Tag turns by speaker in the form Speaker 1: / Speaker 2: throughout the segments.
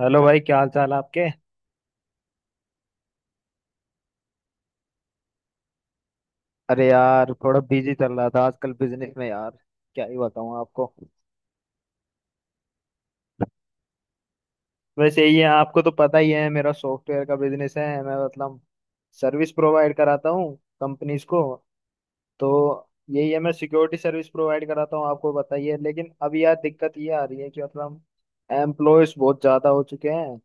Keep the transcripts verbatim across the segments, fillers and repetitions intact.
Speaker 1: Hello भाई, क्या हाल चाल है आपके। अरे यार, थोड़ा बिजी चल रहा था आजकल बिजनेस में यार। क्या ही बताऊं आपको। वैसे ही है, आपको तो पता ही है, मेरा सॉफ्टवेयर का बिजनेस है, मैं मतलब सर्विस प्रोवाइड कराता हूँ कंपनीज को। तो यही है, मैं सिक्योरिटी सर्विस प्रोवाइड कराता हूँ। आपको बताइए, लेकिन अब यार दिक्कत ये आ रही है कि मतलब एम्प्लॉयज बहुत ज़्यादा हो चुके हैं।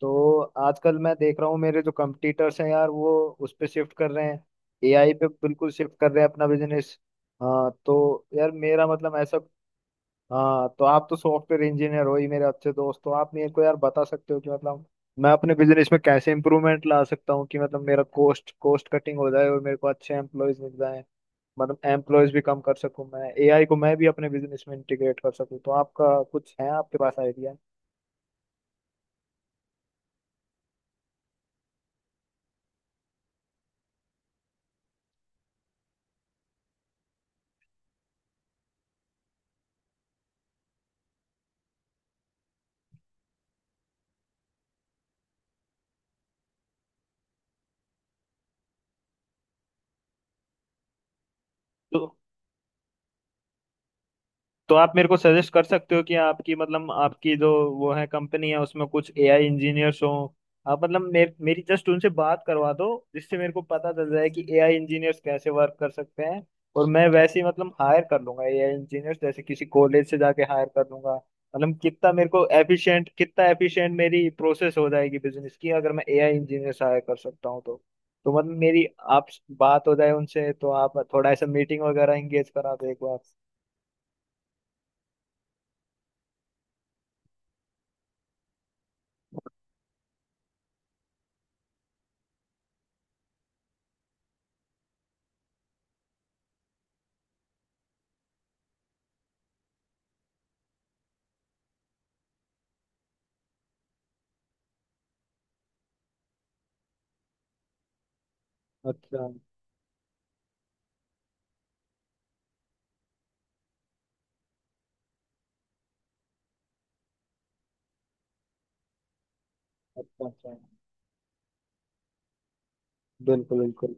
Speaker 1: तो आजकल मैं देख रहा हूँ मेरे जो कंपटीटर्स हैं यार, वो उस पे शिफ्ट कर रहे हैं, एआई पे बिल्कुल शिफ्ट कर रहे हैं अपना बिजनेस। हाँ, तो यार मेरा मतलब ऐसा। हाँ, तो आप तो सॉफ्टवेयर इंजीनियर हो ही, मेरे अच्छे दोस्त हो, आप मेरे को यार बता सकते हो कि मतलब मैं अपने बिजनेस में कैसे इंप्रूवमेंट ला सकता हूँ, कि मतलब मेरा कॉस्ट कॉस्ट कटिंग हो जाए और मेरे को अच्छे एम्प्लॉयज मिल जाए। मतलब एम्प्लॉयज भी कम कर सकूँ, मैं एआई को मैं भी अपने बिजनेस में इंटीग्रेट कर सकूँ, तो आपका कुछ है आपके पास आइडिया। तो तो आप मेरे को सजेस्ट कर सकते हो कि आपकी मतलब आपकी जो वो है, कंपनी है उसमें कुछ एआई इंजीनियर्स हो, आप मतलब मेर, मेरी जस्ट उनसे बात करवा दो, जिससे मेरे को पता चल जाए कि एआई इंजीनियर्स कैसे वर्क कर सकते हैं। और मैं वैसे ही मतलब हायर कर लूंगा एआई इंजीनियर्स, जैसे किसी कॉलेज से जाके हायर कर लूंगा। मतलब कितना मेरे को एफिशिएंट, कितना एफिशिएंट मेरी प्रोसेस हो जाएगी बिजनेस की, अगर मैं एआई इंजीनियर्स हायर कर सकता हूँ तो। तो मतलब मेरी आप बात हो जाए उनसे, तो आप थोड़ा ऐसा मीटिंग वगैरह एंगेज करा दो एक बार। अच्छा अच्छा। अच्छा। बिल्कुल बिल्कुल।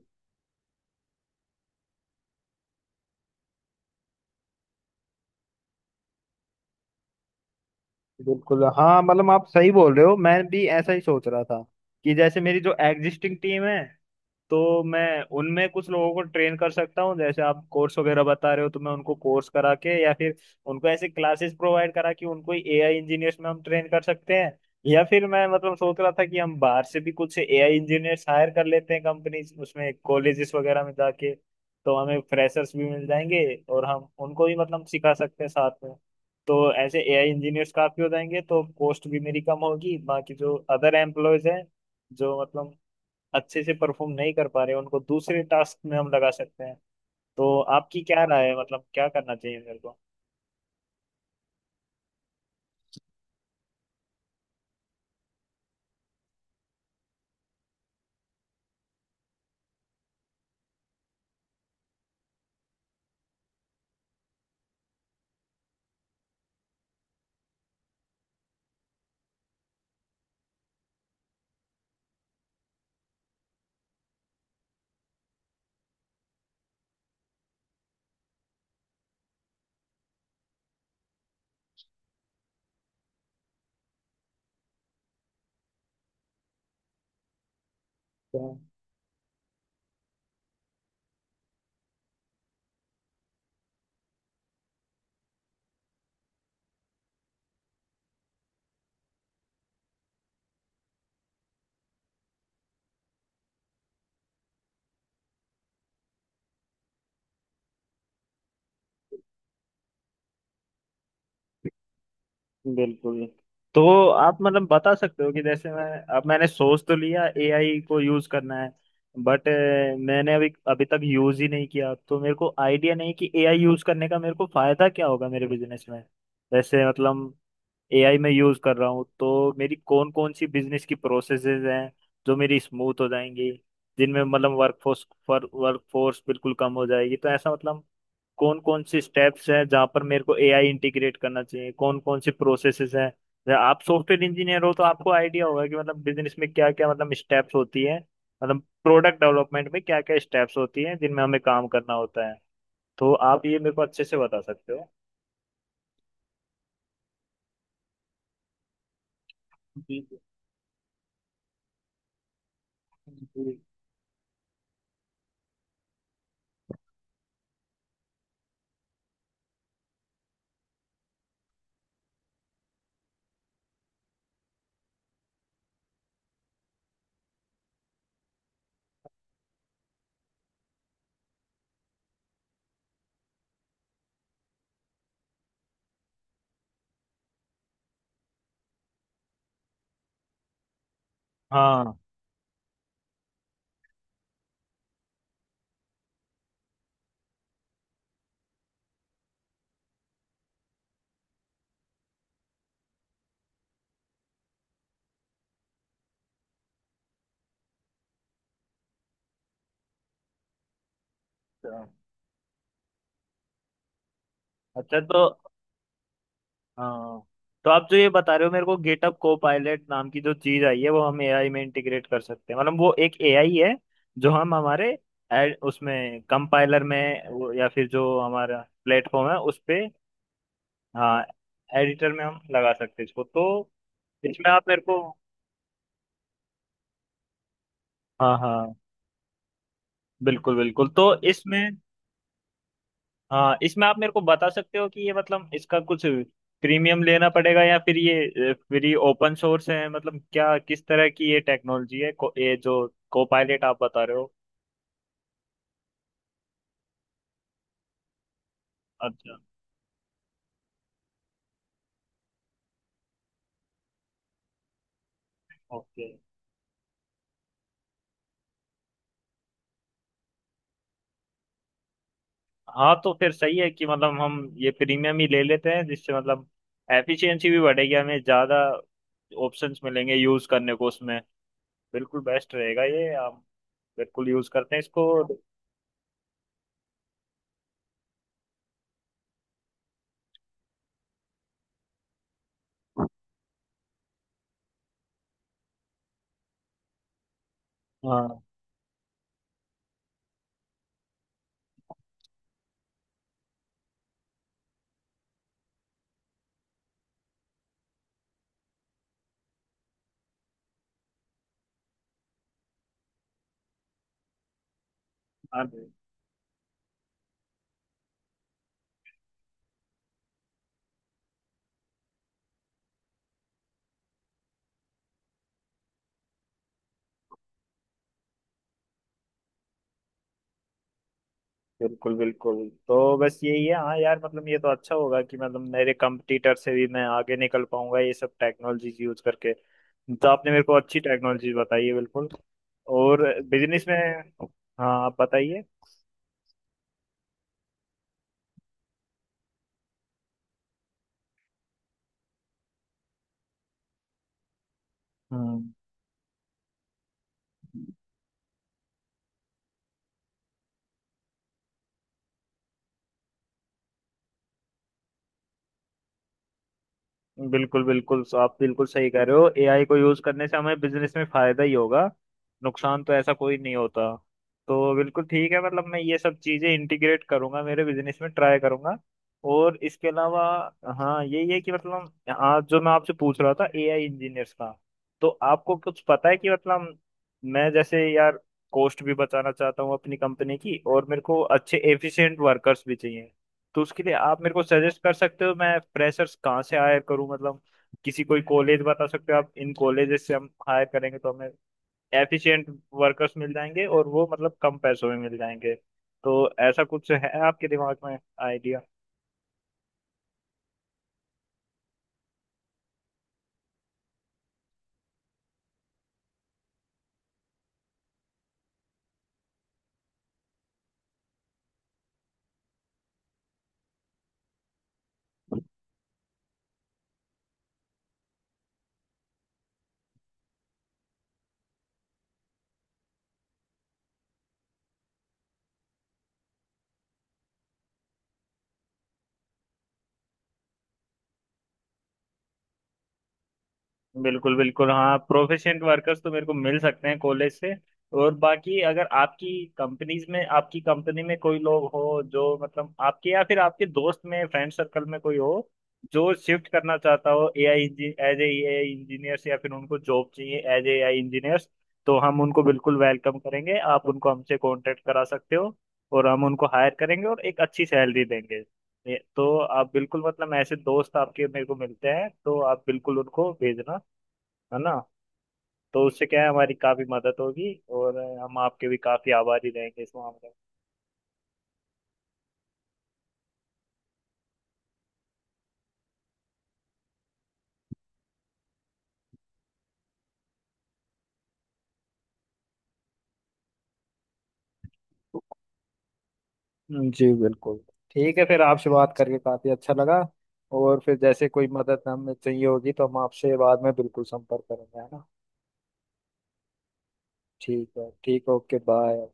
Speaker 1: बिल्कुल हाँ, मतलब आप सही बोल रहे हो, मैं भी ऐसा ही सोच रहा था कि जैसे मेरी जो एग्जिस्टिंग टीम है, तो मैं उनमें कुछ लोगों को ट्रेन कर सकता हूँ। जैसे आप कोर्स वगैरह बता रहे हो, तो मैं उनको कोर्स करा के या फिर उनको ऐसे क्लासेस प्रोवाइड करा कि उनको एआई इंजीनियर्स में हम ट्रेन कर सकते हैं। या फिर मैं मतलब सोच रहा था कि हम बाहर से भी कुछ एआई इंजीनियर्स हायर कर लेते हैं कंपनी उसमें, कॉलेजेस वगैरह में जाके, तो हमें फ्रेशर्स भी मिल जाएंगे, और हम उनको भी मतलब सिखा सकते हैं साथ में। तो ऐसे एआई इंजीनियर्स काफी हो जाएंगे, तो कॉस्ट भी मेरी कम होगी। बाकी जो अदर एम्प्लॉयज हैं, जो मतलब अच्छे से परफॉर्म नहीं कर पा रहे, उनको दूसरे टास्क में हम लगा सकते हैं। तो आपकी क्या राय है, मतलब क्या करना चाहिए मेरे को। हाँ, बिल्कुल। तो आप मतलब बता सकते हो कि जैसे मैं अब मैंने सोच तो लिया एआई को यूज करना है, बट मैंने अभी अभी तक यूज ही नहीं किया, तो मेरे को आइडिया नहीं कि एआई यूज करने का मेरे को फायदा क्या होगा मेरे बिजनेस में। जैसे मतलब एआई में यूज कर रहा हूँ, तो मेरी कौन कौन सी बिजनेस की प्रोसेसेस हैं जो मेरी स्मूथ हो जाएंगी, जिनमें मतलब वर्कफोर्स पर वर्कफोर्स बिल्कुल कम हो जाएगी। तो ऐसा मतलब कौन कौन सी स्टेप्स हैं जहाँ पर मेरे को एआई इंटीग्रेट करना चाहिए, कौन कौन सी प्रोसेसेस हैं। जैसे आप सॉफ्टवेयर इंजीनियर हो, तो आपको आइडिया होगा कि मतलब बिजनेस में क्या क्या मतलब स्टेप्स होती है, मतलब प्रोडक्ट डेवलपमेंट में क्या क्या स्टेप्स होती हैं जिनमें हमें काम करना होता है। तो आप ये मेरे को अच्छे से बता सकते हो। जी जी। जी। हाँ। अच्छा। तो हाँ, तो आप जो ये बता रहे हो मेरे को गेटअप को पायलट नाम की जो चीज आई है, वो हम एआई में इंटीग्रेट कर सकते हैं, मतलब वो एक एआई है जो हम हमारे ad- उसमें कंपाइलर में वो- या फिर जो हमारा प्लेटफॉर्म है उस पे। हाँ, एडिटर में हम लगा सकते हैं इसको, तो इसमें आप मेरे को। हाँ हाँ, बिल्कुल बिल्कुल, तो इसमें हाँ इसमें आप मेरे को बता सकते हो कि ये मतलब इसका कुछ प्रीमियम लेना पड़ेगा या फिर ये फ्री ओपन सोर्स है, मतलब क्या किस तरह की ये टेक्नोलॉजी है को, ये जो को पायलट आप बता रहे हो। अच्छा। ओके। हाँ, तो फिर सही है कि मतलब हम ये प्रीमियम ही ले लेते हैं, जिससे मतलब एफिशिएंसी भी बढ़ेगी, हमें ज़्यादा ऑप्शंस मिलेंगे यूज़ करने को उसमें, बिल्कुल बेस्ट रहेगा, ये हम बिल्कुल यूज़ करते हैं इसको। हाँ हाँ बिल्कुल बिल्कुल। तो बस यही है हाँ यार, मतलब ये तो अच्छा होगा कि मतलब मेरे कंपटीटर से भी मैं आगे निकल पाऊंगा ये सब टेक्नोलॉजीज यूज करके। तो आपने मेरे को अच्छी टेक्नोलॉजी बताई है बिल्कुल। और बिजनेस में। हाँ, आप बताइए। हम्म, बिल्कुल बिल्कुल। सो आप बिल्कुल सही कह रहे हो, एआई को यूज करने से हमें बिजनेस में फायदा ही होगा, नुकसान तो ऐसा कोई नहीं होता। तो बिल्कुल ठीक है, मतलब मैं ये सब चीजें इंटीग्रेट करूंगा मेरे बिजनेस में, ट्राई करूंगा। और इसके अलावा हाँ यही है कि मतलब आज जो मैं आपसे पूछ रहा था एआई इंजीनियर्स का, तो आपको कुछ पता है कि मतलब मैं जैसे यार कॉस्ट भी बचाना चाहता हूँ अपनी कंपनी की, और मेरे को अच्छे एफिशिएंट वर्कर्स भी चाहिए। तो उसके लिए आप मेरे को सजेस्ट कर सकते हो, मैं फ्रेशर्स कहाँ से हायर करूँ, मतलब किसी कोई कॉलेज बता सकते हो आप, इन कॉलेजेस से हम हायर करेंगे तो हमें एफिशिएंट वर्कर्स मिल जाएंगे, और वो मतलब कम पैसों में मिल जाएंगे। तो ऐसा कुछ है आपके दिमाग में। बिल्कुल बिल्कुल, हाँ प्रोफिशिएंट वर्कर्स तो मेरे को मिल सकते हैं कॉलेज से। और बाकी अगर आपकी कंपनीज में, आपकी कंपनी में कोई लोग हो, जो मतलब आपके या फिर आपके दोस्त में फ्रेंड सर्कल में कोई हो जो शिफ्ट करना चाहता हो AI as a AI engineers, या फिर उनको जॉब चाहिए एज ए एआई इंजीनियर्स, तो हम उनको बिल्कुल वेलकम करेंगे, आप उनको हमसे कांटेक्ट करा सकते हो, और हम उनको हायर करेंगे और एक अच्छी सैलरी देंगे। ये- तो आप बिल्कुल मतलब ऐसे दोस्त आपके मेरे को मिलते हैं तो आप बिल्कुल उनको भेजना, है ना। तो उससे क्या है, हमारी काफी मदद होगी, और हम आपके भी काफी आभारी रहेंगे इस मामले में। हम्म, जी बिल्कुल। ठीक है, फिर आपसे बात करके काफी अच्छा लगा, और फिर जैसे कोई मदद हमें चाहिए होगी तो हम आपसे बाद में बिल्कुल संपर्क करेंगे, है ना। ठीक है, ठीक, ओके बाय।